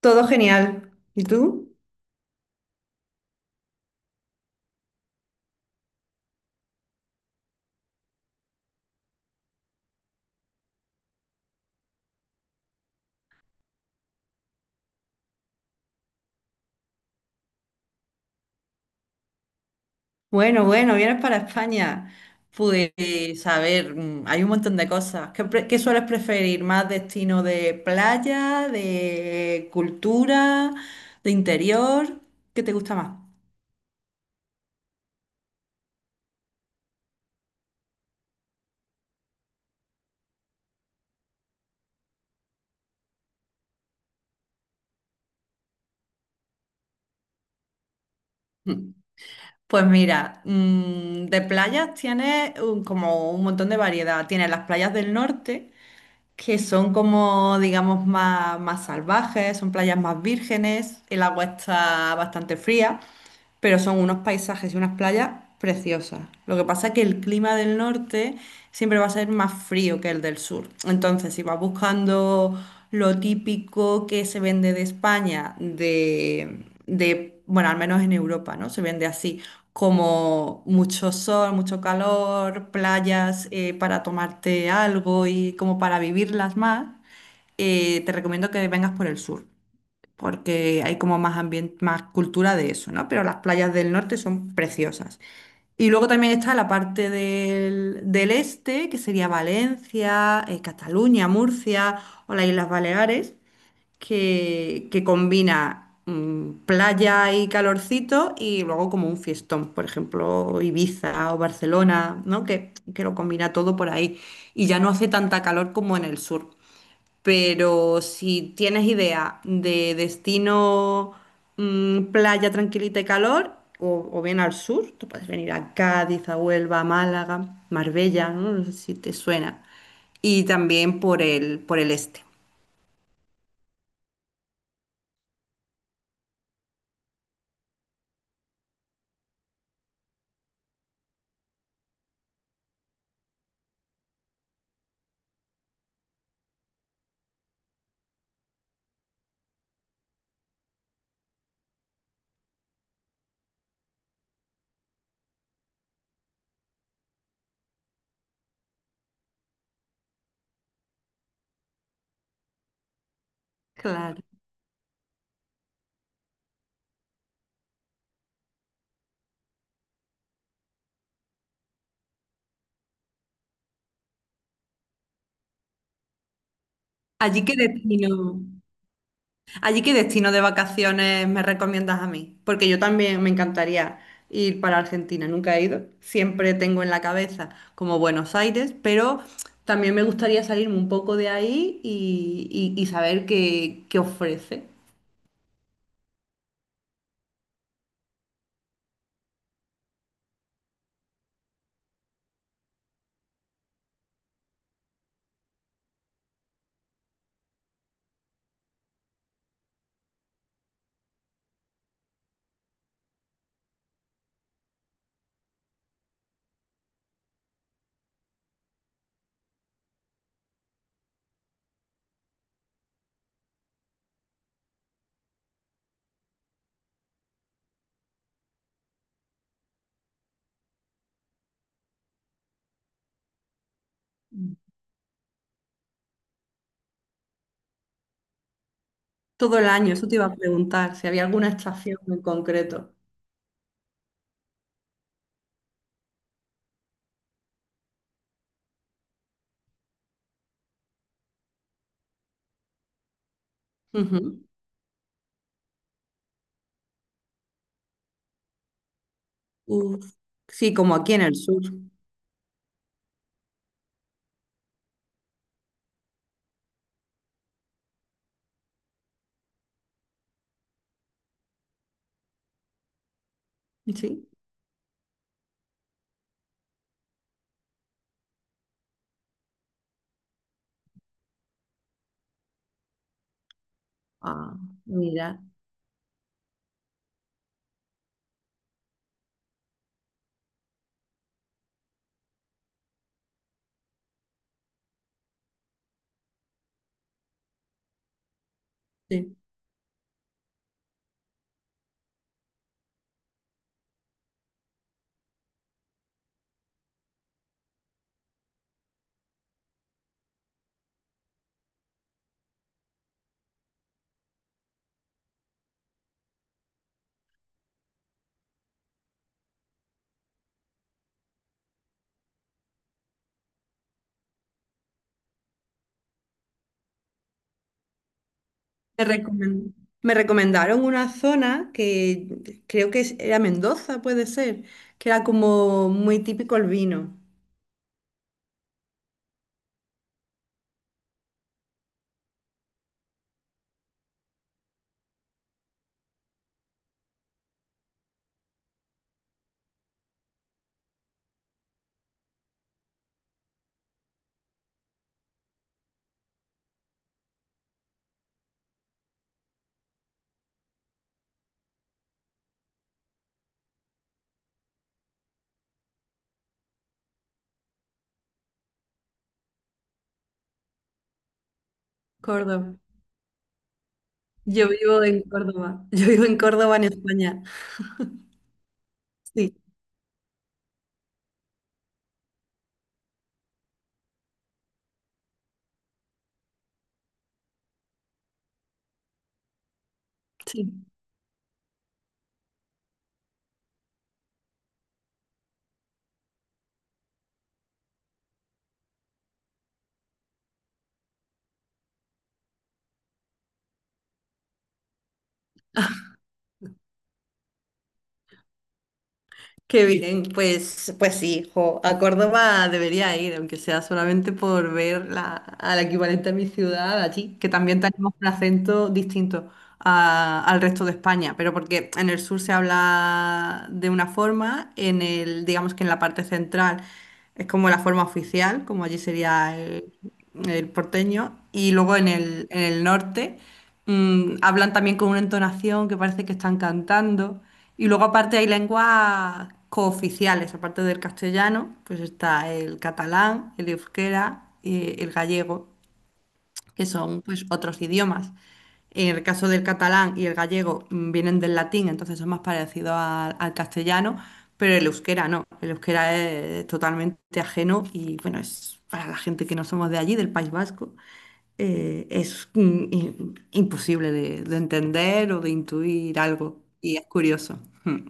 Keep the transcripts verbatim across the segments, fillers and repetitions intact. Todo genial. ¿Y tú? Bueno, bueno, vienes para España. Pues, a ver, mm, hay un montón de cosas. ¿Qué, pre- qué sueles preferir? ¿Más destino de playa, de cultura, de interior? ¿Qué te gusta más? Mm. Pues mira, mm, de playas tienes un- como un montón de variedad. Tienes las playas del norte, que son como, digamos, más, más salvajes, son playas más vírgenes, el agua está bastante fría, pero son unos paisajes y unas playas preciosas. Lo que pasa es que el clima del norte siempre va a ser más frío que el del sur. Entonces, si vas buscando lo típico que se vende de España, de, de, bueno, al menos en Europa, ¿no? Se vende así, como mucho sol, mucho calor, playas eh, para tomarte algo y como para vivirlas más, eh, te recomiendo que vengas por el sur porque hay como más ambiente, más cultura de eso, ¿no? Pero las playas del norte son preciosas. Y luego también está la parte del, del este, que sería Valencia, eh, Cataluña, Murcia o las Islas Baleares, que, que combina mm, playa y calorcito y luego como un fiestón, por ejemplo, Ibiza o Barcelona, ¿no? Que, que lo combina todo por ahí. Y ya no hace tanta calor como en el sur. Pero si tienes idea de destino, mm, playa tranquilita y calor, o, o bien al sur, tú puedes venir a Cádiz, a Huelva, a Málaga, Marbella, ¿no? No sé si te suena. Y también por el, por el este. Claro. ¿Allí qué destino? Allí, ¿qué destino de vacaciones me recomiendas a mí? Porque yo también me encantaría ir para Argentina, nunca he ido. Siempre tengo en la cabeza como Buenos Aires, pero también me gustaría salirme un poco de ahí y, y- y saber qué, qué ofrece. Todo el año, eso te iba a preguntar, si había alguna estación en concreto. Ujú. Uf. Sí, como aquí en el sur. Sí. Ah, mira. Sí. Me recomen- Me recomendaron una zona que creo que es- era Mendoza, puede ser, que era como muy típico el vino. Córdoba. Yo vivo en Córdoba. Yo vivo en Córdoba, en España. Sí, sí. Qué bien, pues, pues sí, jo, a Córdoba debería ir, aunque sea solamente por ver la, a la equivalente a mi ciudad allí, que también tenemos un acento distinto a- al resto de España, pero porque en el sur se habla de una forma, en el, digamos que en la parte central. Es como la forma oficial, como allí sería el, el porteño. Y luego en el, en el norte, mm, hablan también con una entonación que parece que están cantando. Y luego aparte hay lenguas cooficiales, aparte del castellano, pues está el catalán, el euskera y el gallego que son pues otros idiomas. En el caso del catalán y el gallego mm, vienen del latín, entonces son más parecidos al, al castellano, pero el euskera no. El euskera es totalmente ajeno y bueno, es para la gente que no somos de allí, del País Vasco, eh, es mm, i- imposible de, de entender o de intuir algo y es curioso.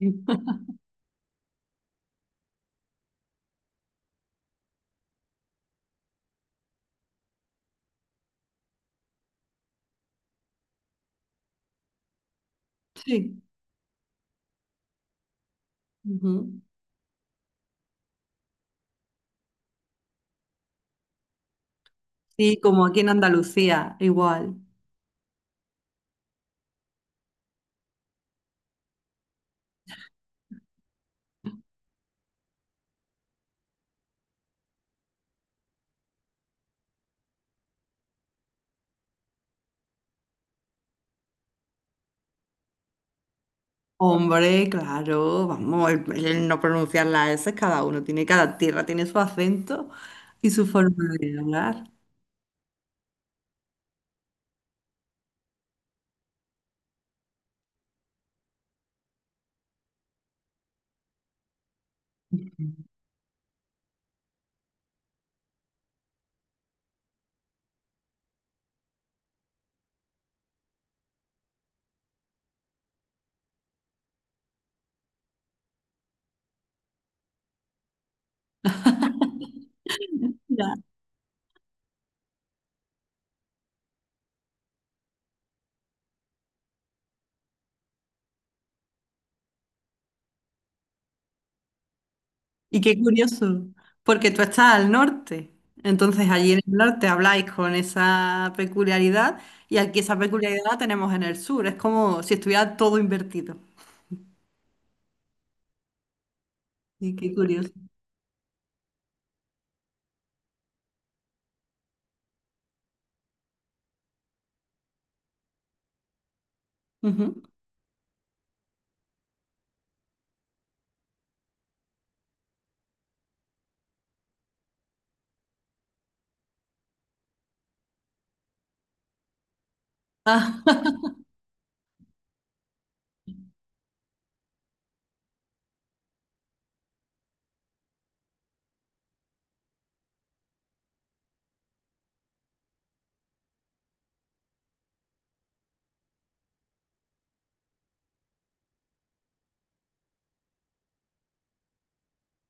Mm. Sí. Ujú. Sí, como aquí en Andalucía, igual. Hombre, claro, vamos, el, el no pronunciar las eses, cada uno tiene, cada tierra tiene su acento y su forma de hablar. Ya. Y qué curioso, porque tú estás al norte, entonces allí en el norte habláis con esa peculiaridad y aquí esa peculiaridad la tenemos en el sur, es como si estuviera todo invertido. Y qué curioso. Ujú. Ah.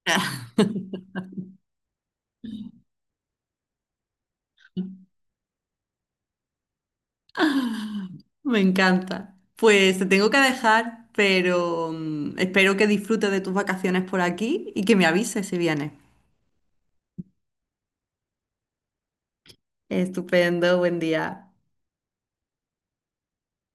Me encanta. Pues te tengo que dejar, pero mm, espero que disfrutes de tus vacaciones por aquí y que me avises si vienes. Estupendo, buen día.